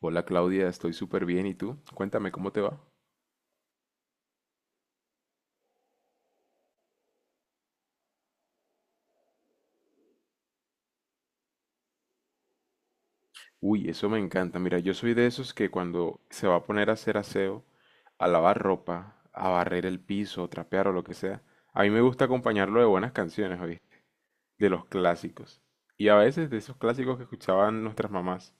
Hola Claudia, estoy súper bien. ¿Y tú? Cuéntame cómo te va. Uy, eso me encanta. Mira, yo soy de esos que cuando se va a poner a hacer aseo, a lavar ropa, a barrer el piso, trapear o lo que sea, a mí me gusta acompañarlo de buenas canciones, ¿oíste? De los clásicos. Y a veces de esos clásicos que escuchaban nuestras mamás.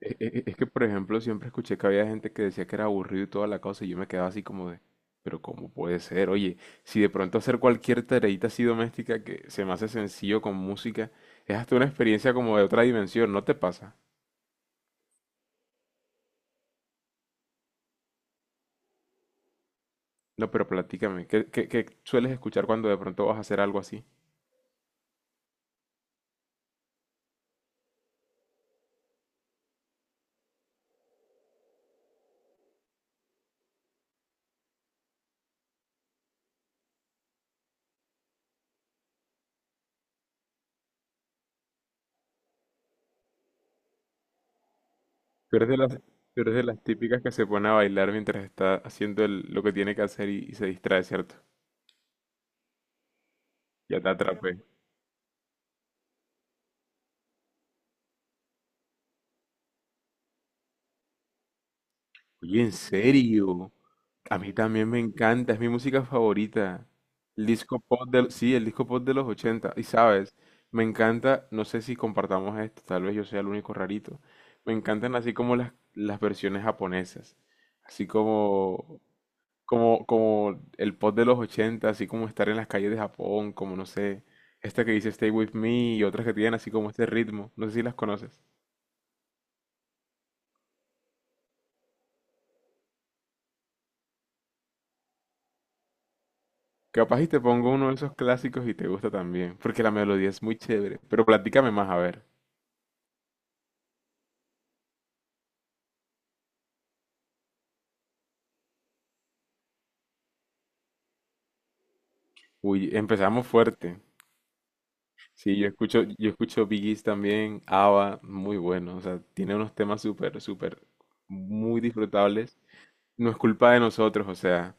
Es que, por ejemplo, siempre escuché que había gente que decía que era aburrido y toda la cosa, y yo me quedaba así como de, pero ¿cómo puede ser? Oye, si de pronto hacer cualquier tareita así doméstica que se me hace sencillo con música, es hasta una experiencia como de otra dimensión, ¿no te pasa? No, pero platícame, ¿qué, qué sueles escuchar cuando de pronto vas a hacer algo así? Tú eres de las típicas que se pone a bailar mientras está haciendo lo que tiene que hacer y se distrae, ¿cierto? Ya te atrapé. Oye, ¿en serio? A mí también me encanta, es mi música favorita. El disco pop de los 80. Y sabes, me encanta, no sé si compartamos esto, tal vez yo sea el único rarito. Me encantan así como las versiones japonesas, así como, como el pop de los 80, así como estar en las calles de Japón, como no sé, esta que dice Stay With Me y otras que tienen así como este ritmo. No sé si las conoces. Capaz y te pongo uno de esos clásicos y te gusta también, porque la melodía es muy chévere. Pero platícame más, a ver. Uy, empezamos fuerte. Sí, yo escucho Bee Gees también, ABBA, muy bueno. O sea, tiene unos temas súper, súper, muy disfrutables. No es culpa de nosotros, o sea.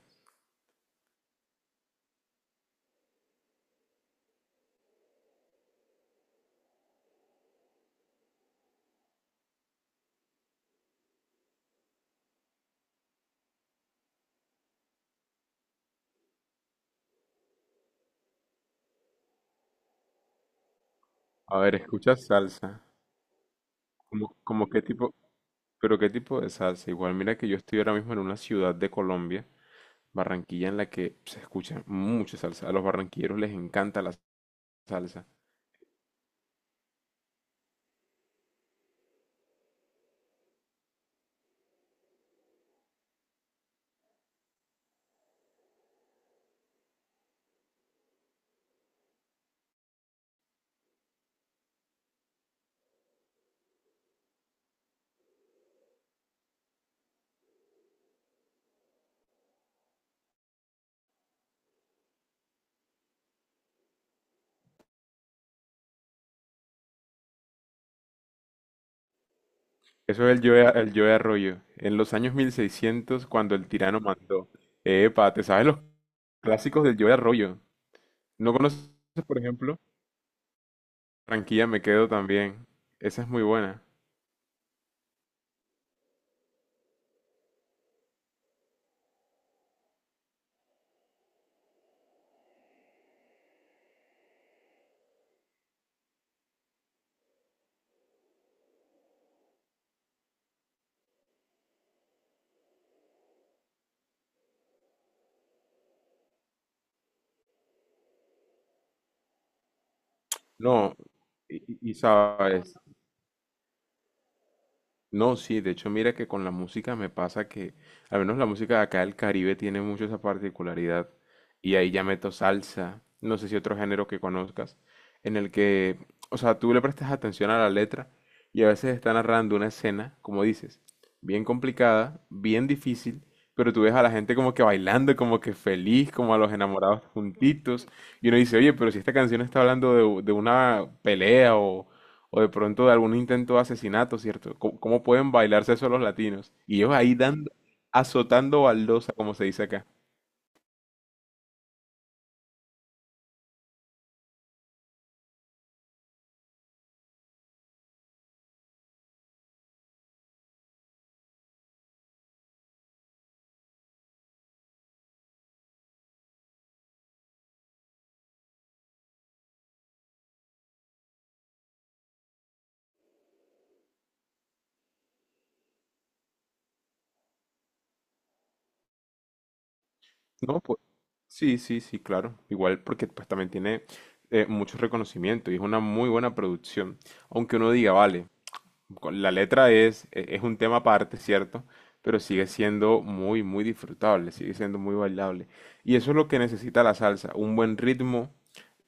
A ver, escuchas salsa. ¿Cómo, cómo qué tipo, pero qué tipo de salsa? Igual, mira que yo estoy ahora mismo en una ciudad de Colombia, Barranquilla, en la que se escucha mucha salsa. A los barranquilleros les encanta la salsa. Eso es el Joe Arroyo. En los años 1600, cuando el tirano mandó. Epa, ¿te sabes los clásicos del Joe Arroyo? ¿No conoces, por ejemplo? Tranquila, me quedo también. Esa es muy buena. No, y sabes, no, sí, de hecho mira que con la música me pasa que, al menos la música de acá del Caribe tiene mucho esa particularidad, y ahí ya meto salsa, no sé si otro género que conozcas, en el que, o sea, tú le prestas atención a la letra y a veces está narrando una escena, como dices, bien complicada, bien difícil, pero tú ves a la gente como que bailando, como que feliz, como a los enamorados juntitos, y uno dice, oye, pero si esta canción está hablando de una pelea o de pronto de algún intento de asesinato, ¿cierto? ¿Cómo, cómo pueden bailarse eso los latinos? Y ellos ahí dando, azotando baldosa, como se dice acá. No, pues sí, sí, sí, claro. Igual porque pues también tiene mucho reconocimiento y es una muy buena producción. Aunque uno diga, vale, la letra es, es un tema aparte, ¿cierto? Pero sigue siendo muy, muy disfrutable, sigue siendo muy bailable. Y eso es lo que necesita la salsa, un buen ritmo.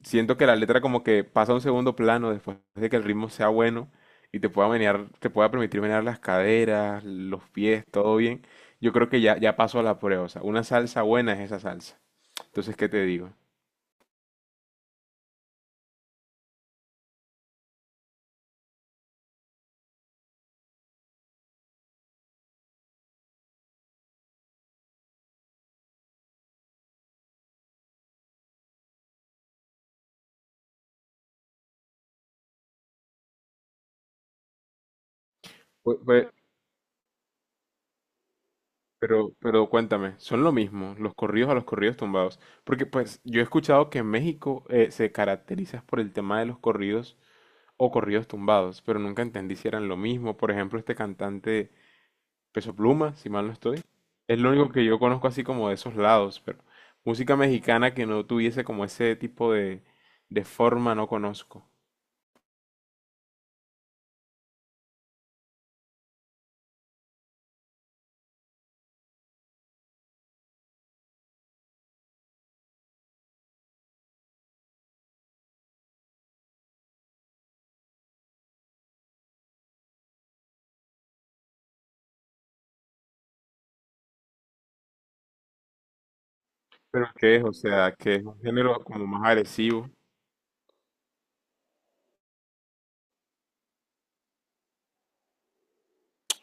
Siento que la letra como que pasa a un segundo plano después de que el ritmo sea bueno y te pueda menear, te pueda permitir menear las caderas, los pies, todo bien. Yo creo que ya pasó a la prueba. O sea, una salsa buena es esa salsa. Entonces, ¿qué te digo? Pues, pues, pero cuéntame, ¿son lo mismo los corridos a los corridos tumbados? Porque pues yo he escuchado que en México se caracteriza por el tema de los corridos o corridos tumbados, pero nunca entendí si eran lo mismo. Por ejemplo, este cantante Peso Pluma, si mal no estoy, es lo único que yo conozco así como de esos lados, pero música mexicana que no tuviese como ese tipo de forma no conozco. ¿Pero qué es? O sea, que es un género como más agresivo.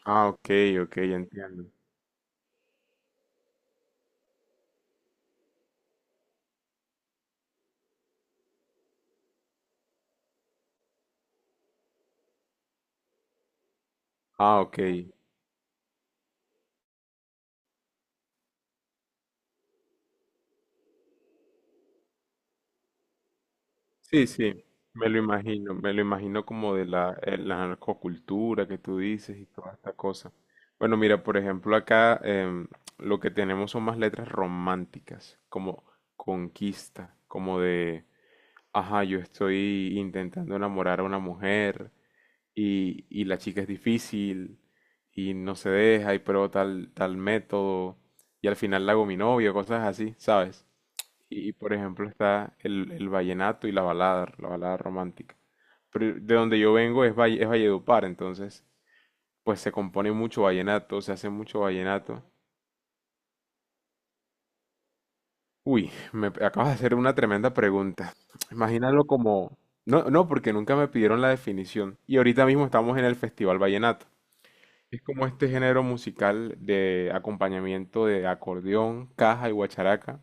Ah, ok, ok, ya entiendo. Ah, ok. Sí, sí, me lo imagino como de la, la narcocultura que tú dices y toda esta cosa. Bueno, mira, por ejemplo, acá em, lo que tenemos son más letras románticas, como conquista, como de, ajá, yo estoy intentando enamorar a una mujer y la chica es difícil y no se deja y pruebo tal, tal método y al final la hago mi novio, cosas así, ¿sabes? Y por ejemplo está el vallenato y la balada romántica. Pero de donde yo vengo es, es Valledupar, entonces pues se compone mucho vallenato, se hace mucho vallenato. Uy, me acabas de hacer una tremenda pregunta. Imagínalo como... No, no, porque nunca me pidieron la definición. Y ahorita mismo estamos en el Festival Vallenato. Es como este género musical de acompañamiento de acordeón, caja y guacharaca.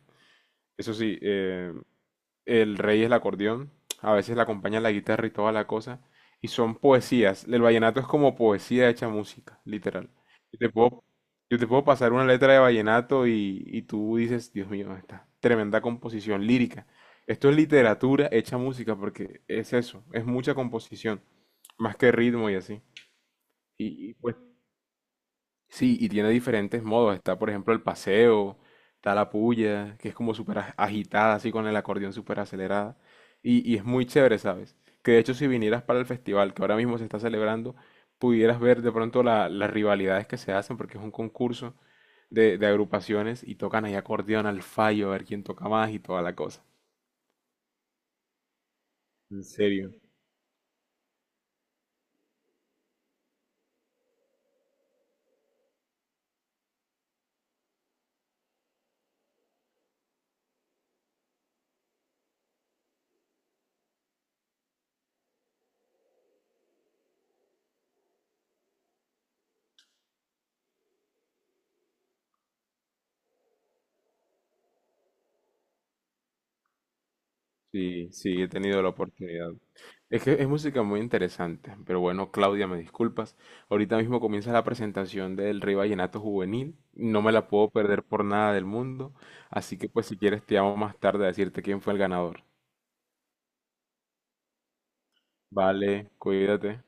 Eso sí, el rey es el acordeón, a veces le acompaña la guitarra y toda la cosa, y son poesías. El vallenato es como poesía hecha música, literal. Yo te puedo, yo te puedo pasar una letra de vallenato y tú dices, Dios mío, esta tremenda composición lírica. Esto es literatura hecha música porque es eso, es mucha composición, más que ritmo y así. Y pues sí, y tiene diferentes modos. Está, por ejemplo, el paseo, está la puya, que es como súper agitada, así con el acordeón súper acelerada. Y es muy chévere, ¿sabes? Que de hecho, si vinieras para el festival que ahora mismo se está celebrando, pudieras ver de pronto las rivalidades que se hacen, porque es un concurso de agrupaciones y tocan ahí acordeón al fallo, a ver quién toca más y toda la cosa. En serio. Sí, sí, he tenido la oportunidad. Es que es música muy interesante, pero bueno, Claudia, me disculpas. Ahorita mismo comienza la presentación del Rey Vallenato Juvenil. No me la puedo perder por nada del mundo. Así que pues si quieres te llamo más tarde a decirte quién fue el ganador. Vale, cuídate.